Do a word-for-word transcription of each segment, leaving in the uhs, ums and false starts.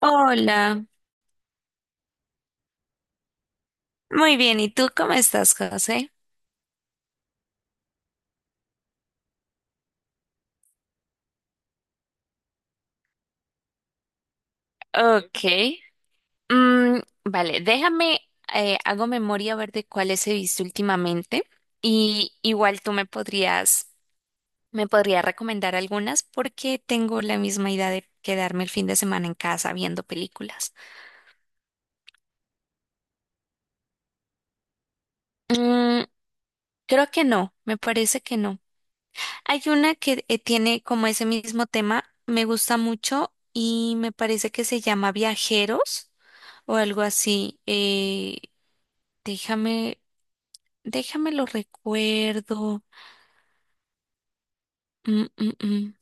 Hola, muy bien. ¿Y tú cómo estás, José? Ok. Mm, vale, déjame, eh, hago memoria a ver de cuáles he visto últimamente y igual tú me podrías, me podrías recomendar algunas porque tengo la misma idea de quedarme el fin de semana en casa viendo películas. Mm, creo que no, me parece que no. Hay una que eh, tiene como ese mismo tema, me gusta mucho y me parece que se llama Viajeros o algo así. Eh, déjame, déjame lo recuerdo. Mm, mm, mm.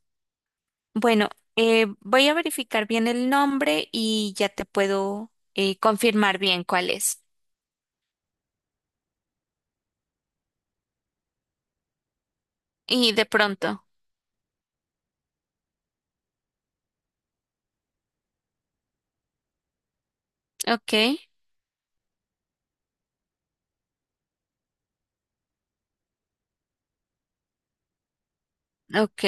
Bueno, eh, voy a verificar bien el nombre y ya te puedo eh, confirmar bien cuál es. Y de pronto. Ok, ok.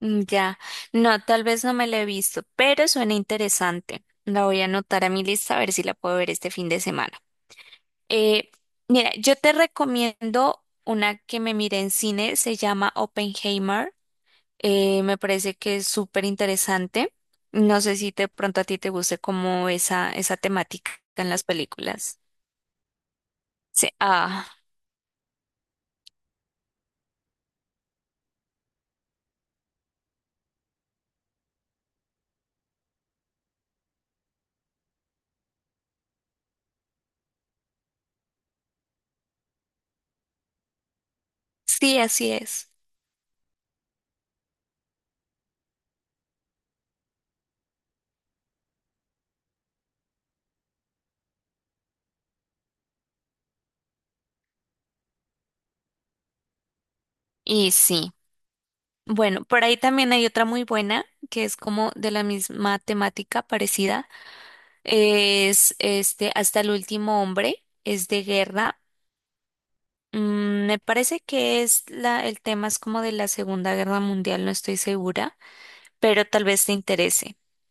Mm, ya, no, tal vez no me la he visto, pero suena interesante. La voy a anotar a mi lista a ver si la puedo ver este fin de semana. Eh, mira, yo te recomiendo una que me miré en cine, se llama Oppenheimer. Eh, me parece que es súper interesante. No sé si de pronto a ti te guste como esa, esa temática en las películas. Sí, ah, sí, así es. Y sí. Bueno, por ahí también hay otra muy buena que es como de la misma temática parecida. Es este Hasta el último hombre, es de guerra. Mm, me parece que es la, el tema es como de la Segunda Guerra Mundial, no estoy segura, pero tal vez te interese.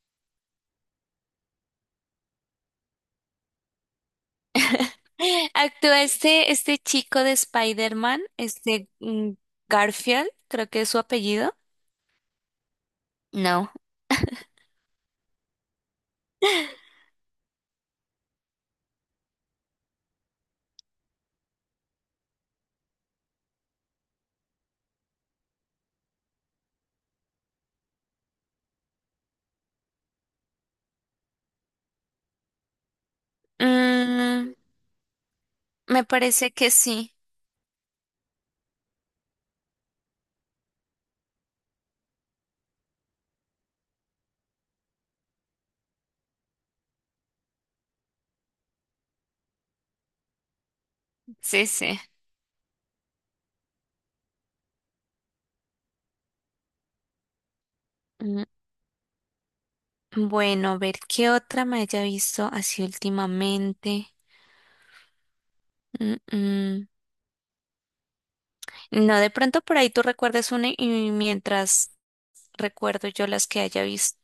Actúa este, este chico de Spider-Man, este mm, Garfield, creo que es su apellido. No. Mm, me parece que sí. Sí, sí. Mm, Bueno, a ver qué otra me haya visto así últimamente. Mm, mm. No, de pronto por ahí tú recuerdes una y mientras recuerdo yo las que haya visto.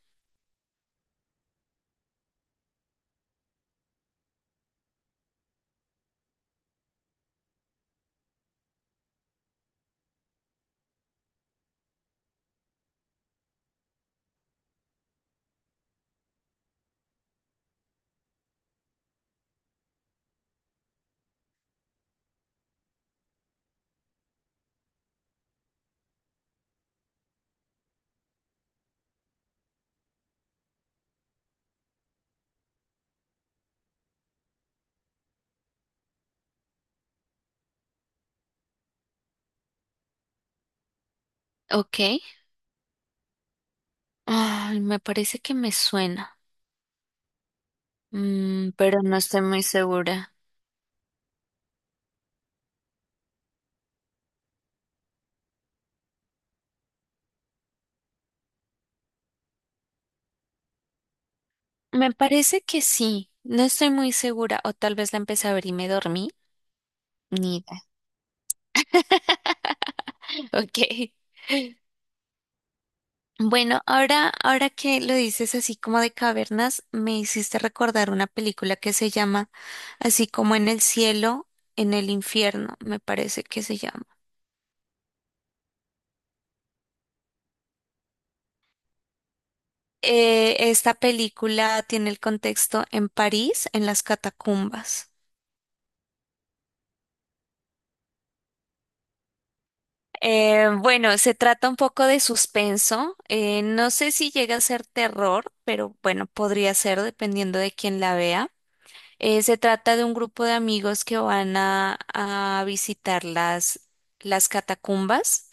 Ok. Ay, me parece que me suena, Mm, pero no estoy muy segura. Me parece que sí, no estoy muy segura, o tal vez la empecé a ver y me dormí. Ni idea. Ok. Bueno, ahora, ahora que lo dices así como de cavernas, me hiciste recordar una película que se llama así como en el cielo, en el infierno, me parece que se llama. Eh, esta película tiene el contexto en París, en las catacumbas. Eh, bueno, se trata un poco de suspenso. eh, no sé si llega a ser terror, pero bueno, podría ser dependiendo de quién la vea. Eh, se trata de un grupo de amigos que van a, a visitar las, las catacumbas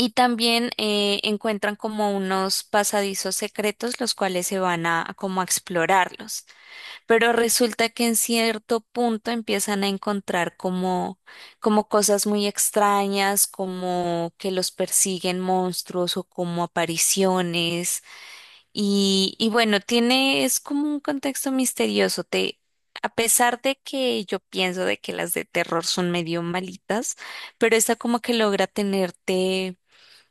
y también eh, encuentran como unos pasadizos secretos los cuales se van a como a explorarlos. Pero resulta que en cierto punto empiezan a encontrar como, como cosas muy extrañas, como que los persiguen monstruos o como apariciones. Y, y bueno, tiene, es como un contexto misterioso. Te, a pesar de que yo pienso de que las de terror son medio malitas, pero esta como que logra tenerte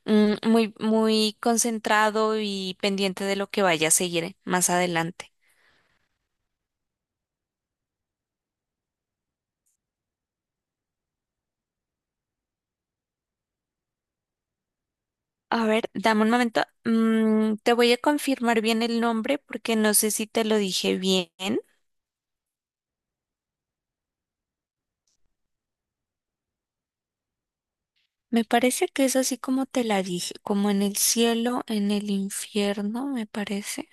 mm, muy, muy concentrado y pendiente de lo que vaya a seguir más adelante. A ver, dame un momento. Mm, te voy a confirmar bien el nombre porque no sé si te lo dije bien. Me parece que es así como te la dije, como en el cielo, en el infierno, me parece.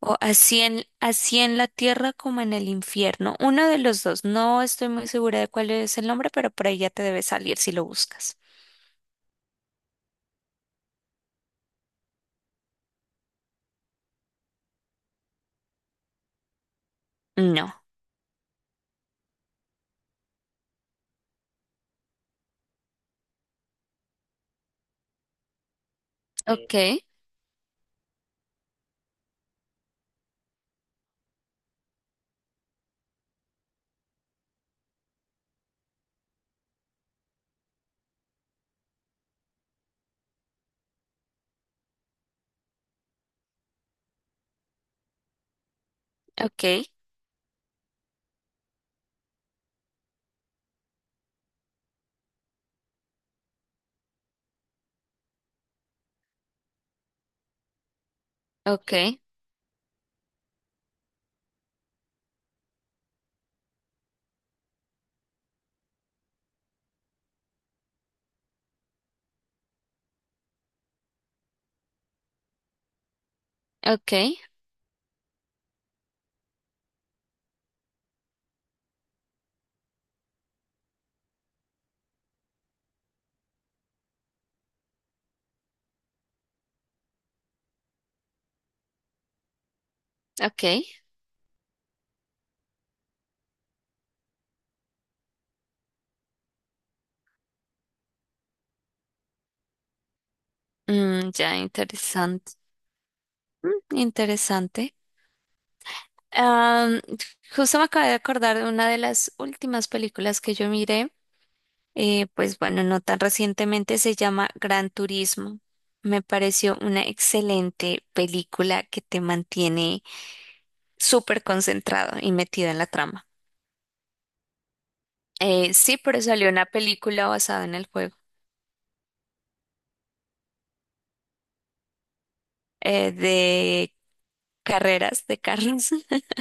O así en, así en la tierra como en el infierno. Uno de los dos. No estoy muy segura de cuál es el nombre, pero por ahí ya te debe salir si lo buscas. No. Ok, ok, ok, ok, ok. Mm, ya, interesante. Mm, interesante. Am, justo me acabo de acordar de una de las últimas películas que yo miré, eh, pues bueno, no tan recientemente, se llama Gran Turismo. Me pareció una excelente película que te mantiene súper concentrado y metido en la trama. Eh, sí, pero salió una película basada en el juego eh, de carreras de carros.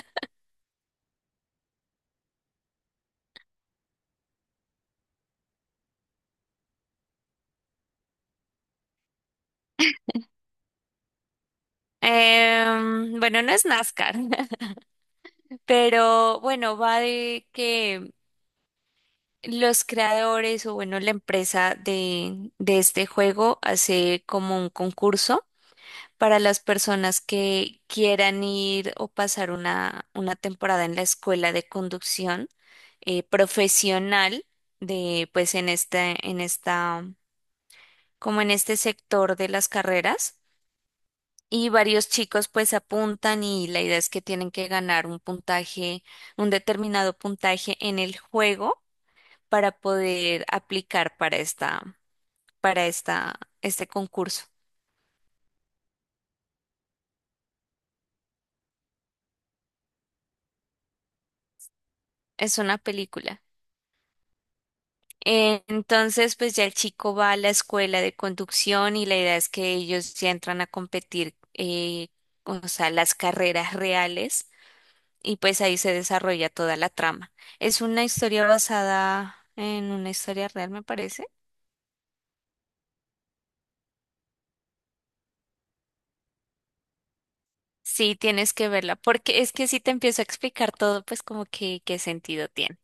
Em, bueno, no es NASCAR, pero bueno, va de que los creadores o bueno, la empresa de, de este juego hace como un concurso para las personas que quieran ir o pasar una, una temporada en la escuela de conducción eh, profesional de pues en este, en esta, como en este sector de las carreras. Y varios chicos pues apuntan y la idea es que tienen que ganar un puntaje, un determinado puntaje en el juego para poder aplicar para esta, para esta, este concurso. Es una película. Eh, Entonces, pues ya el chico va a la escuela de conducción y la idea es que ellos ya entran a competir, eh, o sea, las carreras reales y pues ahí se desarrolla toda la trama. Es una historia basada en una historia real, me parece. Sí, tienes que verla, porque es que si te empiezo a explicar todo, pues como que qué sentido tiene.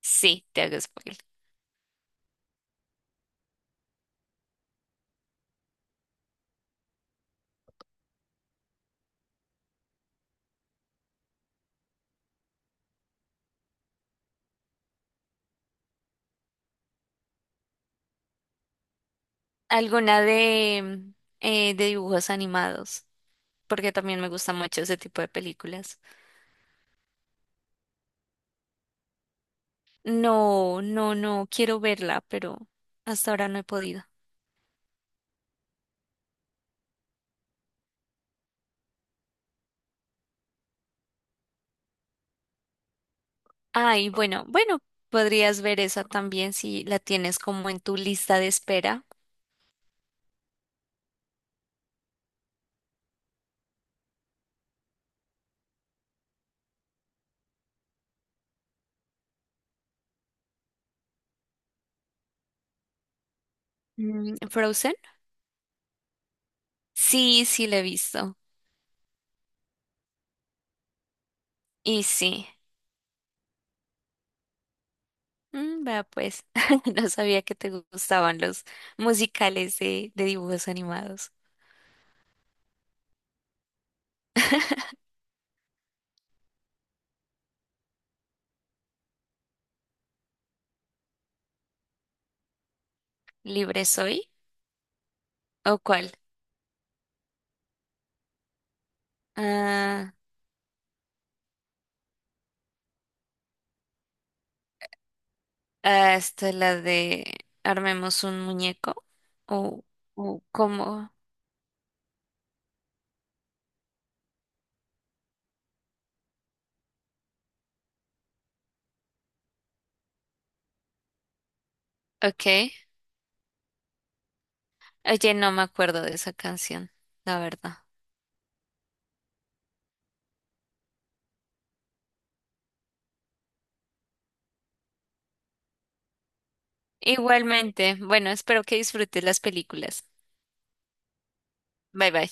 Sí, te hago spoiler. Alguna de, eh, de dibujos animados, porque también me gusta mucho ese tipo de películas. No, no, no, quiero verla, pero hasta ahora no he podido. Ay, bueno, bueno, podrías ver esa también si la tienes como en tu lista de espera. Mm, ¿Frozen? Sí, sí, la he visto. Y sí. Mm, vea pues, no sabía que te gustaban los musicales de, de dibujos animados. ¿Libre soy? ¿O cuál? Ah. Ah, esta la de armemos un muñeco o o cómo. Okay. Oye, no me acuerdo de esa canción, la verdad. Igualmente, bueno, espero que disfrutes las películas. Bye bye.